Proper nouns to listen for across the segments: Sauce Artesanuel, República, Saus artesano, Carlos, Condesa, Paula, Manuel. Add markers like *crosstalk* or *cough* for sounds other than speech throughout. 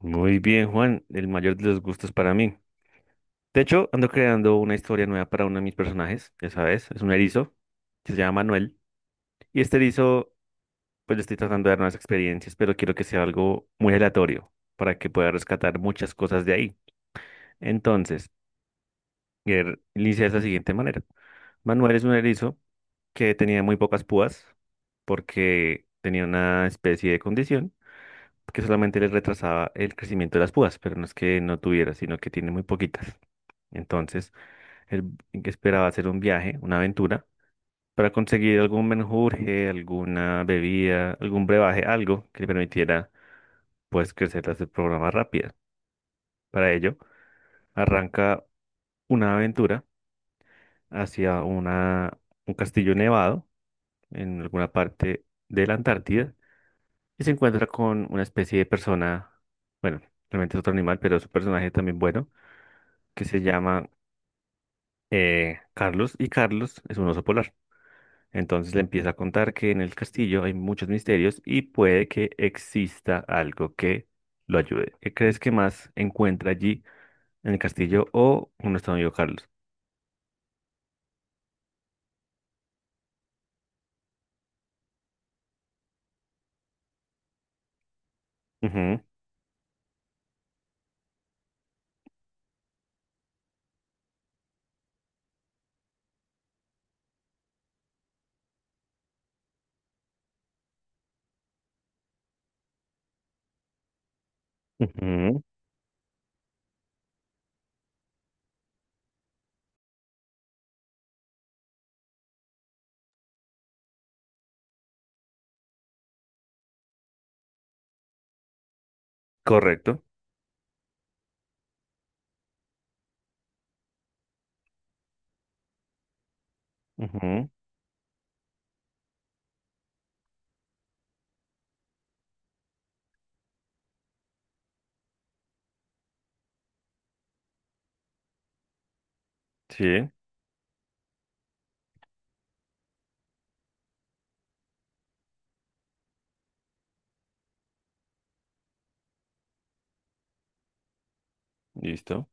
Muy bien, Juan, el mayor de los gustos para mí. De hecho, ando creando una historia nueva para uno de mis personajes, ya sabes, es un erizo que se llama Manuel. Y este erizo, pues le estoy tratando de dar nuevas experiencias, pero quiero que sea algo muy aleatorio para que pueda rescatar muchas cosas de ahí. Entonces, inicia de la siguiente manera. Manuel es un erizo que tenía muy pocas púas porque tenía una especie de condición que solamente le retrasaba el crecimiento de las púas, pero no es que no tuviera, sino que tiene muy poquitas. Entonces, él esperaba hacer un viaje, una aventura, para conseguir algún menjurje, alguna bebida, algún brebaje, algo que le permitiera, pues, crecer las programa rápida. Para ello, arranca una aventura hacia un castillo nevado en alguna parte de la Antártida y se encuentra con una especie de persona, bueno, realmente es otro animal, pero es un personaje también bueno, que se llama Carlos, y Carlos es un oso polar. Entonces le empieza a contar que en el castillo hay muchos misterios y puede que exista algo que lo ayude. ¿Qué crees que más encuentra allí en el castillo o un nuestro amigo Carlos? Ujú, ujú. Correcto. Ujú, sí, listo.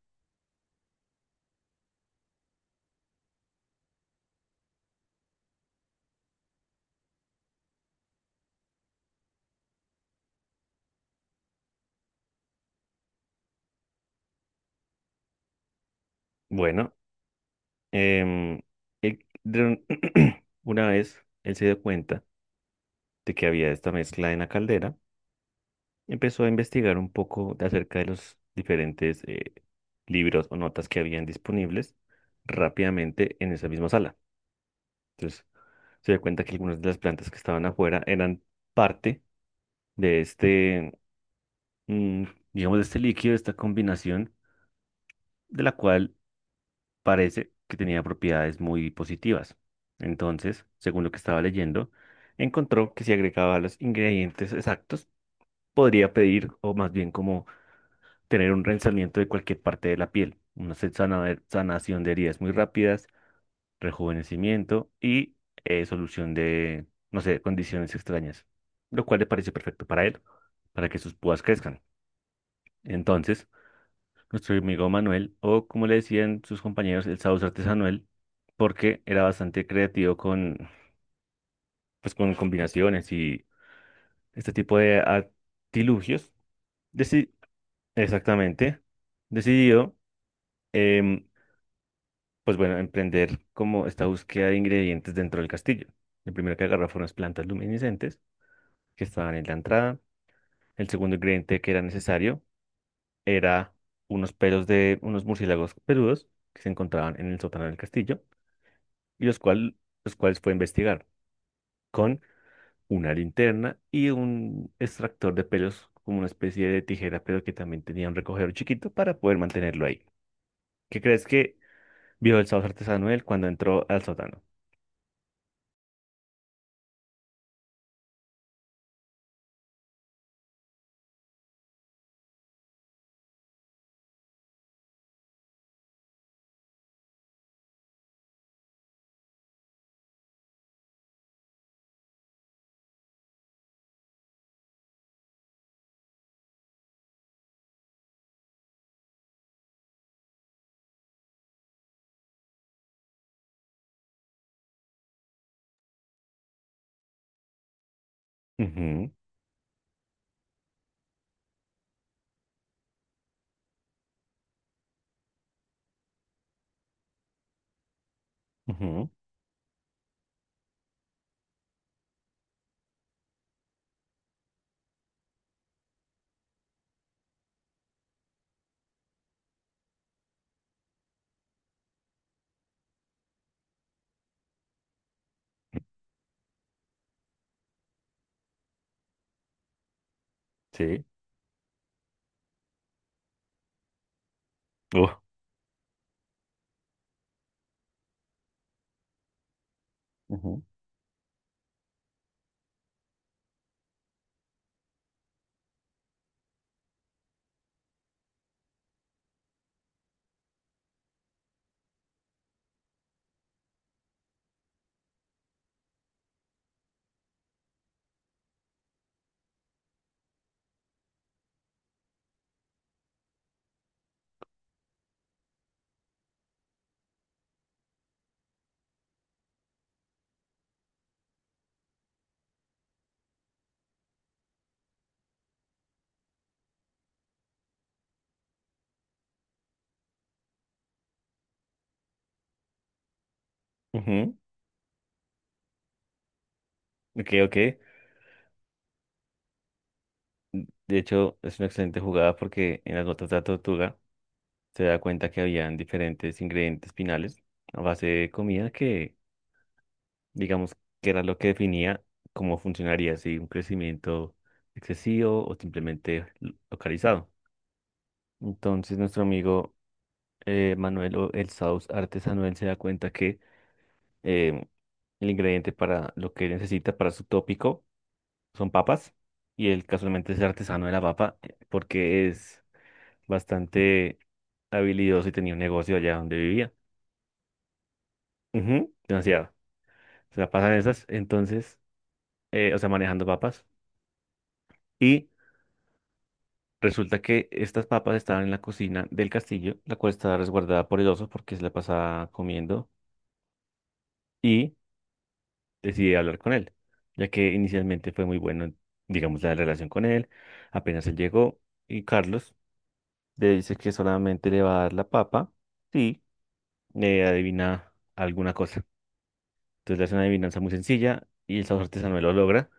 Bueno, em, el- de un- *clears throat* una vez él se dio cuenta de que había esta mezcla en la caldera, empezó a investigar un poco de acerca de los diferentes libros o notas que habían disponibles rápidamente en esa misma sala. Entonces se dio cuenta que algunas de las plantas que estaban afuera eran parte de este, mm, digamos, de este líquido, de esta combinación, de la cual parece que tenía propiedades muy positivas. Entonces, según lo que estaba leyendo, encontró que si agregaba los ingredientes exactos, podría pedir, o más bien como tener un rensamiento de cualquier parte de la piel, una sanación de heridas muy rápidas, rejuvenecimiento y solución de, no sé, condiciones extrañas, lo cual le parece perfecto para él, para que sus púas crezcan. Entonces, nuestro amigo Manuel, o como le decían sus compañeros, el Sauce Artesanuel, porque era bastante creativo con, pues, con combinaciones y este tipo de artilugios, deci- exactamente, decidió em, pues bueno, emprender como esta búsqueda de ingredientes dentro del castillo. El primero que agarró fueron las plantas luminiscentes que estaban en la entrada. El segundo ingrediente que era necesario era unos pelos de unos murciélagos peludos que se encontraban en el sótano del castillo y los cuales fue a investigar con una linterna y un extractor de pelos como una especie de tijera, pero que también tenía un recogedor chiquito para poder mantenerlo ahí. ¿Qué crees que vio el sauce artesano él cuando entró al sótano? Ujú, ujú, sí. Uh, ujú, ujú. Ok, ok. De hecho, es una excelente jugada porque en las notas de la tortuga se da cuenta que habían diferentes ingredientes finales a base de comida que, digamos, que era lo que definía cómo funcionaría, si un crecimiento excesivo o simplemente localizado. Entonces, nuestro amigo Manuel o el Saus artesano, él se da cuenta que eh, el ingrediente para lo que necesita para su tópico son papas, y él casualmente es artesano de la papa porque es bastante habilidoso y tenía un negocio allá donde vivía. Ujú, demasiado. Se la pasan esas, entonces, o sea, manejando papas. Y resulta que estas papas estaban en la cocina del castillo, la cual estaba resguardada por el oso porque se la pasaba comiendo, y decidí hablar con él, ya que inicialmente fue muy bueno, digamos, la relación con él. Apenas él llegó, y Carlos le dice que solamente le va a dar la papa. Sí, adivina alguna cosa. Entonces le hace una adivinanza muy sencilla y el sabor artesanal lo logra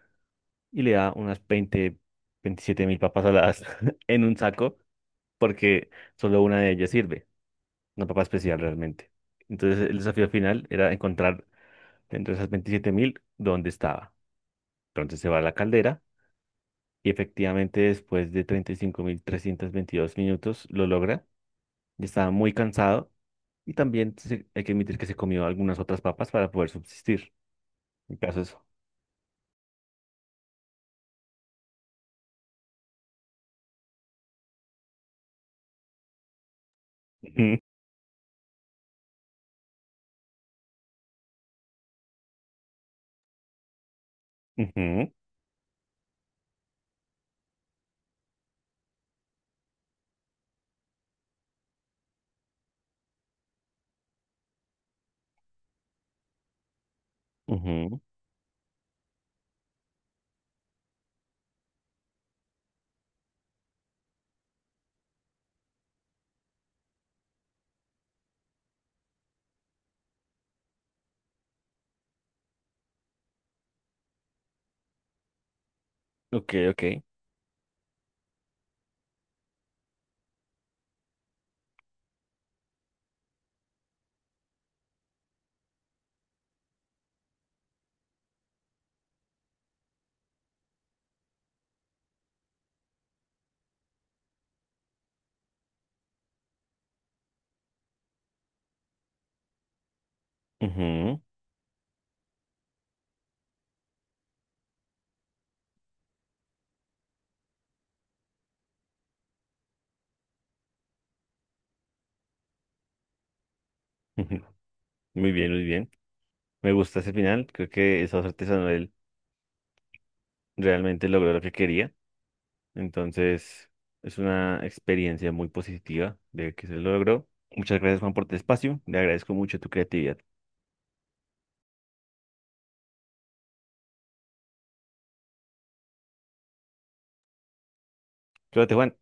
y le da unas 20 27.000 papas saladas *laughs* en un saco porque solo una de ellas sirve, una papa especial realmente. Entonces el desafío final era encontrar dentro de esas 27.000 dónde estaba. Entonces se va a la caldera y efectivamente después de 35.322 minutos lo logra. Ya estaba muy cansado. Y también hay que admitir que se comió algunas otras papas para poder subsistir. El caso es ujú, ujú, ujú. Ok, ok. Ujú, ujú. Muy bien, muy bien. Me gusta ese final. Creo que esa artesanal realmente logró lo que quería. Entonces, es una experiencia muy positiva de que se logró. Muchas gracias, Juan, por tu espacio. Le agradezco mucho tu creatividad. Cuídate, Juan.